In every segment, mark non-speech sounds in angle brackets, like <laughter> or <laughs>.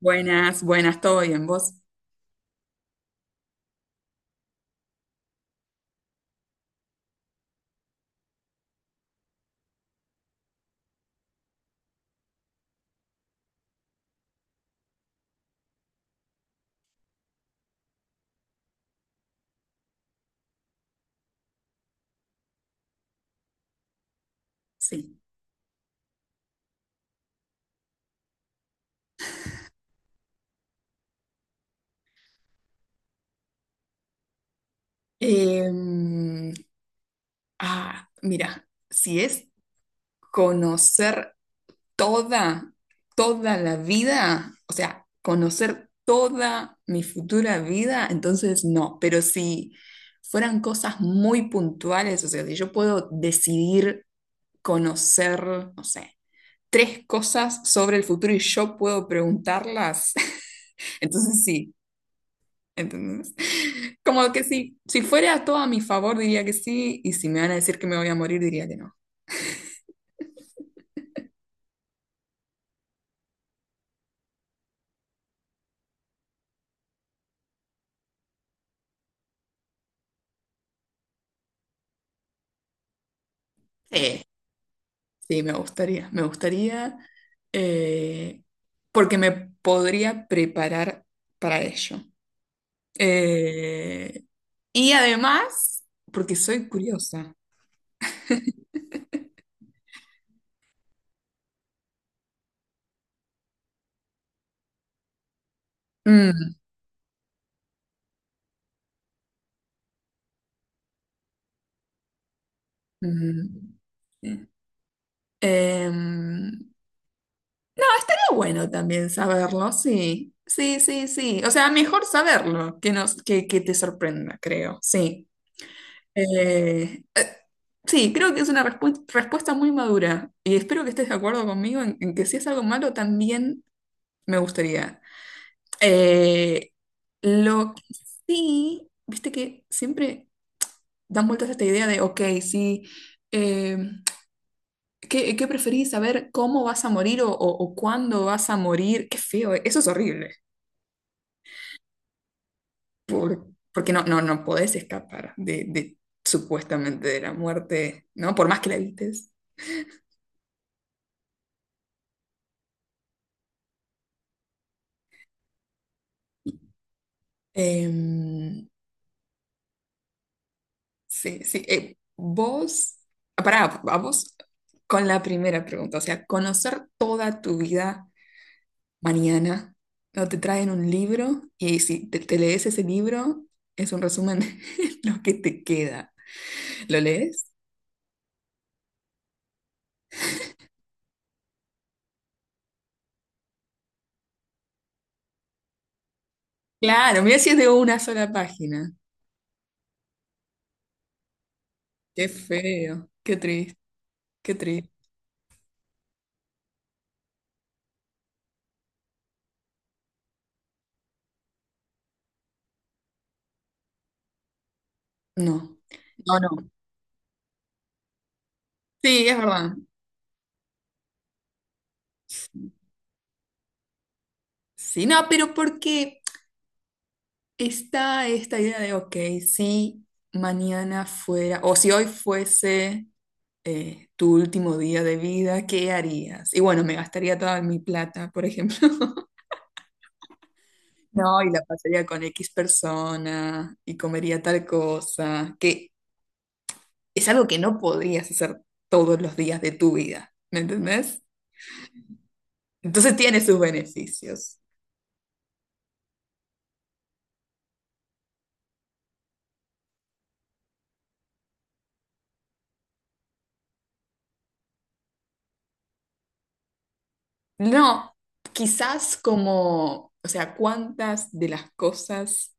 Buenas, buenas, ¿todo bien? ¿Vos? Sí. Em, ah, mira, si es conocer toda, toda la vida, o sea, conocer toda mi futura vida, entonces no, pero si fueran cosas muy puntuales, o sea, si yo puedo decidir conocer, no sé, tres cosas sobre el futuro y yo puedo preguntarlas, <laughs> entonces sí. ¿Entendés? <laughs> Como que si fuera todo a mi favor, diría que sí, y si me van a decir que me voy a morir, diría que no. Sí, sí, me gustaría, eh, porque me podría preparar para ello. Eh, y además, porque soy curiosa. Mm, mm, sí. Em, pero bueno también saberlo, sí, sí, sí, sí. O sea, mejor saberlo que te sorprenda, creo, sí. Eh, eh, sí, creo que es una respuesta muy madura y espero que estés de acuerdo conmigo en que si es algo malo también me gustaría. Eh, lo que sí, viste que siempre dan vueltas a esta idea de, ok, sí, eh, ¿qué preferís? ¿Saber cómo vas a morir o cuándo vas a morir? Qué feo, eso es horrible, por- porque no, no, no podés escapar de supuestamente de la muerte, ¿no? Por más que la evites. Em, Sí, sí. Vos, pará, vamos con la primera pregunta. O sea, conocer toda tu vida mañana. No te traen un libro y si te lees ese libro, es un resumen <laughs> de lo que te queda. ¿Lo lees? Claro, mira si es de una sola página. Qué feo, qué triste, qué triste. No, no, no. Sí, es verdad. Sí, no, pero ¿por qué? Está esta idea de, ok, si mañana fuera, o si hoy fuese tu último día de vida, ¿qué harías? Y bueno, me gastaría toda mi plata, por ejemplo. <laughs> No, y la pasaría con X persona y comería tal cosa, que es algo que no podrías hacer todos los días de tu vida, ¿me entendés? Entonces tiene sus beneficios. No, quizás como, o sea, cuántas de las cosas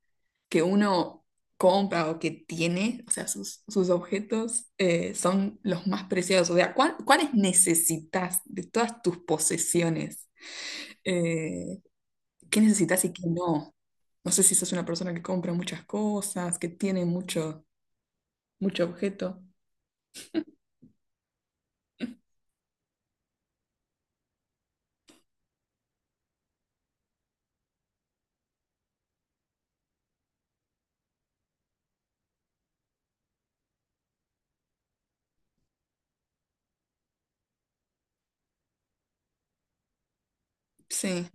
que uno compra o que tiene, o sea, sus objetos, son los más preciados. O sea, ¿cuáles necesitas de todas tus posesiones? Eh, ¿qué necesitas y qué no? No sé si sos una persona que compra muchas cosas, que tiene mucho, mucho objeto. Sí.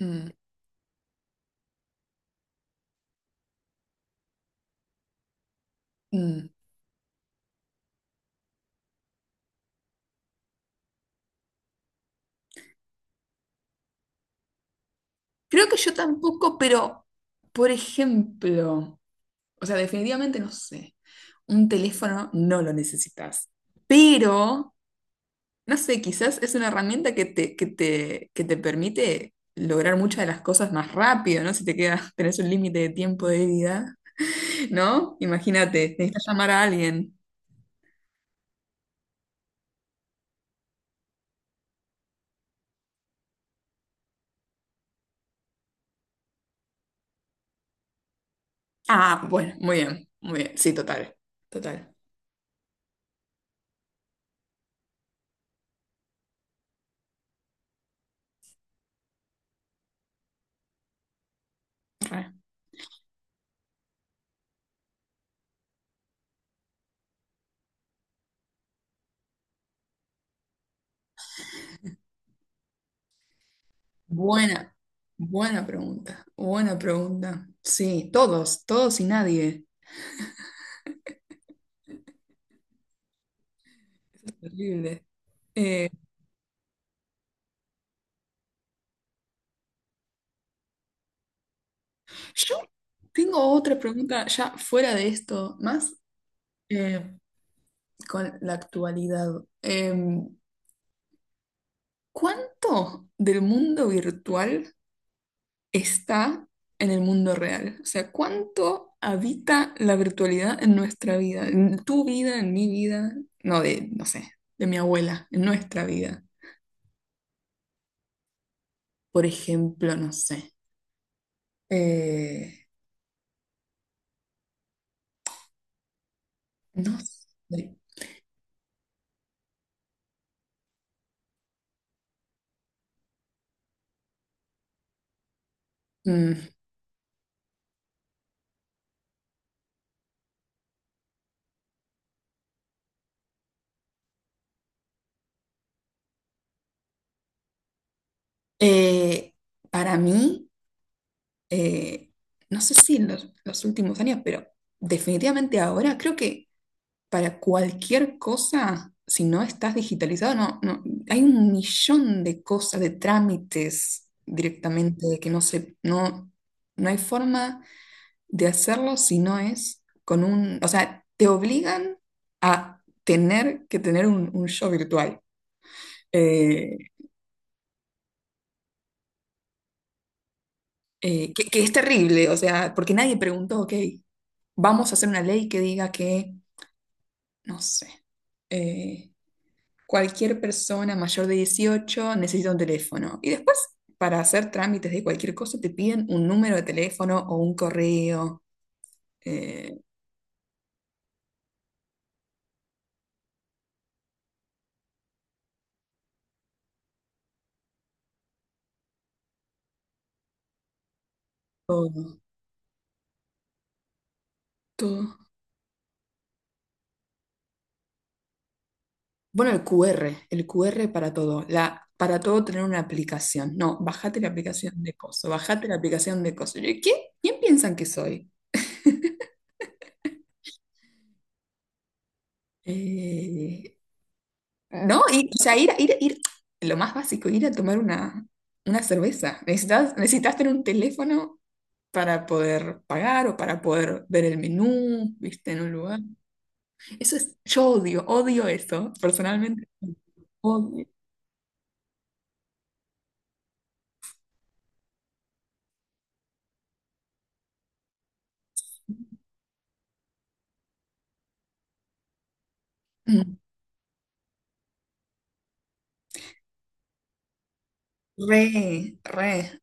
Mm, mm. Creo que yo tampoco, pero, por ejemplo. O sea, definitivamente no sé. Un teléfono no lo necesitas. Pero, no sé, quizás es una herramienta que te permite lograr muchas de las cosas más rápido, ¿no? Si te quedas, <laughs> tenés un límite de tiempo de vida, ¿no? Imagínate, necesitas llamar a alguien. Ah, bueno, muy bien, muy bien. Sí, total, total. Re. Buena, buena pregunta, buena pregunta. Sí, todos, todos y nadie. Eso es terrible. Eh, Yo tengo otra pregunta ya fuera de esto, más eh, con la actualidad. ¿Cuánto del mundo virtual está en el mundo real? O sea, ¿cuánto habita la virtualidad en nuestra vida? En tu vida, en mi vida, no de, no sé, de mi abuela, en nuestra vida. Por ejemplo, no sé. eh, no sé. Mm, eh, para mí... eh, no sé si en los últimos años, pero definitivamente ahora creo que para cualquier cosa, si no estás digitalizado, no, no, hay un millón de cosas, de trámites directamente que no se, no, no hay forma de hacerlo si no es con un, o sea, te obligan a tener que tener un show virtual. Eh, que es terrible, o sea, porque nadie preguntó, ok, vamos a hacer una ley que diga que no sé, eh, cualquier persona mayor de 18 necesita un teléfono. Y después, para hacer trámites de cualquier cosa, te piden un número de teléfono o un correo, eh, todo, todo. Bueno, el QR, el QR para todo. Para todo tener una aplicación. No, bájate la aplicación de coso, bájate la aplicación de coso. Yo, ¿qué? ¿Quién piensan que soy? Eh, No, y, o sea, ir, lo más básico, ir a tomar una cerveza. Necesitas tener un teléfono para poder pagar o para poder ver el menú, viste, en un lugar. Eso es, yo odio, odio eso, personalmente. Odio. Mm. Re, re.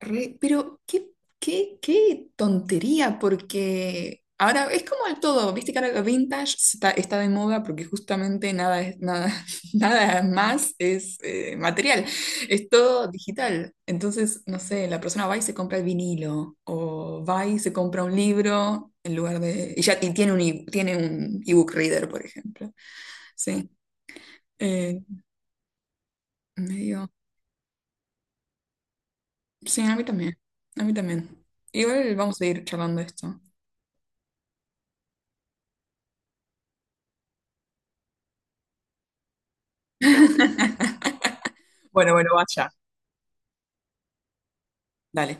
Pero qué tontería, porque ahora es como el todo, viste que ahora lo vintage está de moda porque justamente nada es, nada, <laughs> nada más es material, es todo digital. Entonces, no sé, la persona va y se compra el vinilo, o va y se compra un libro en lugar de. Y ya y tiene tiene un ebook reader, por ejemplo. Sí. Eh, medio. Sí, a mí también. A mí también. Igual vamos a ir charlando esto. <laughs> Bueno, bueno, vaya. Dale.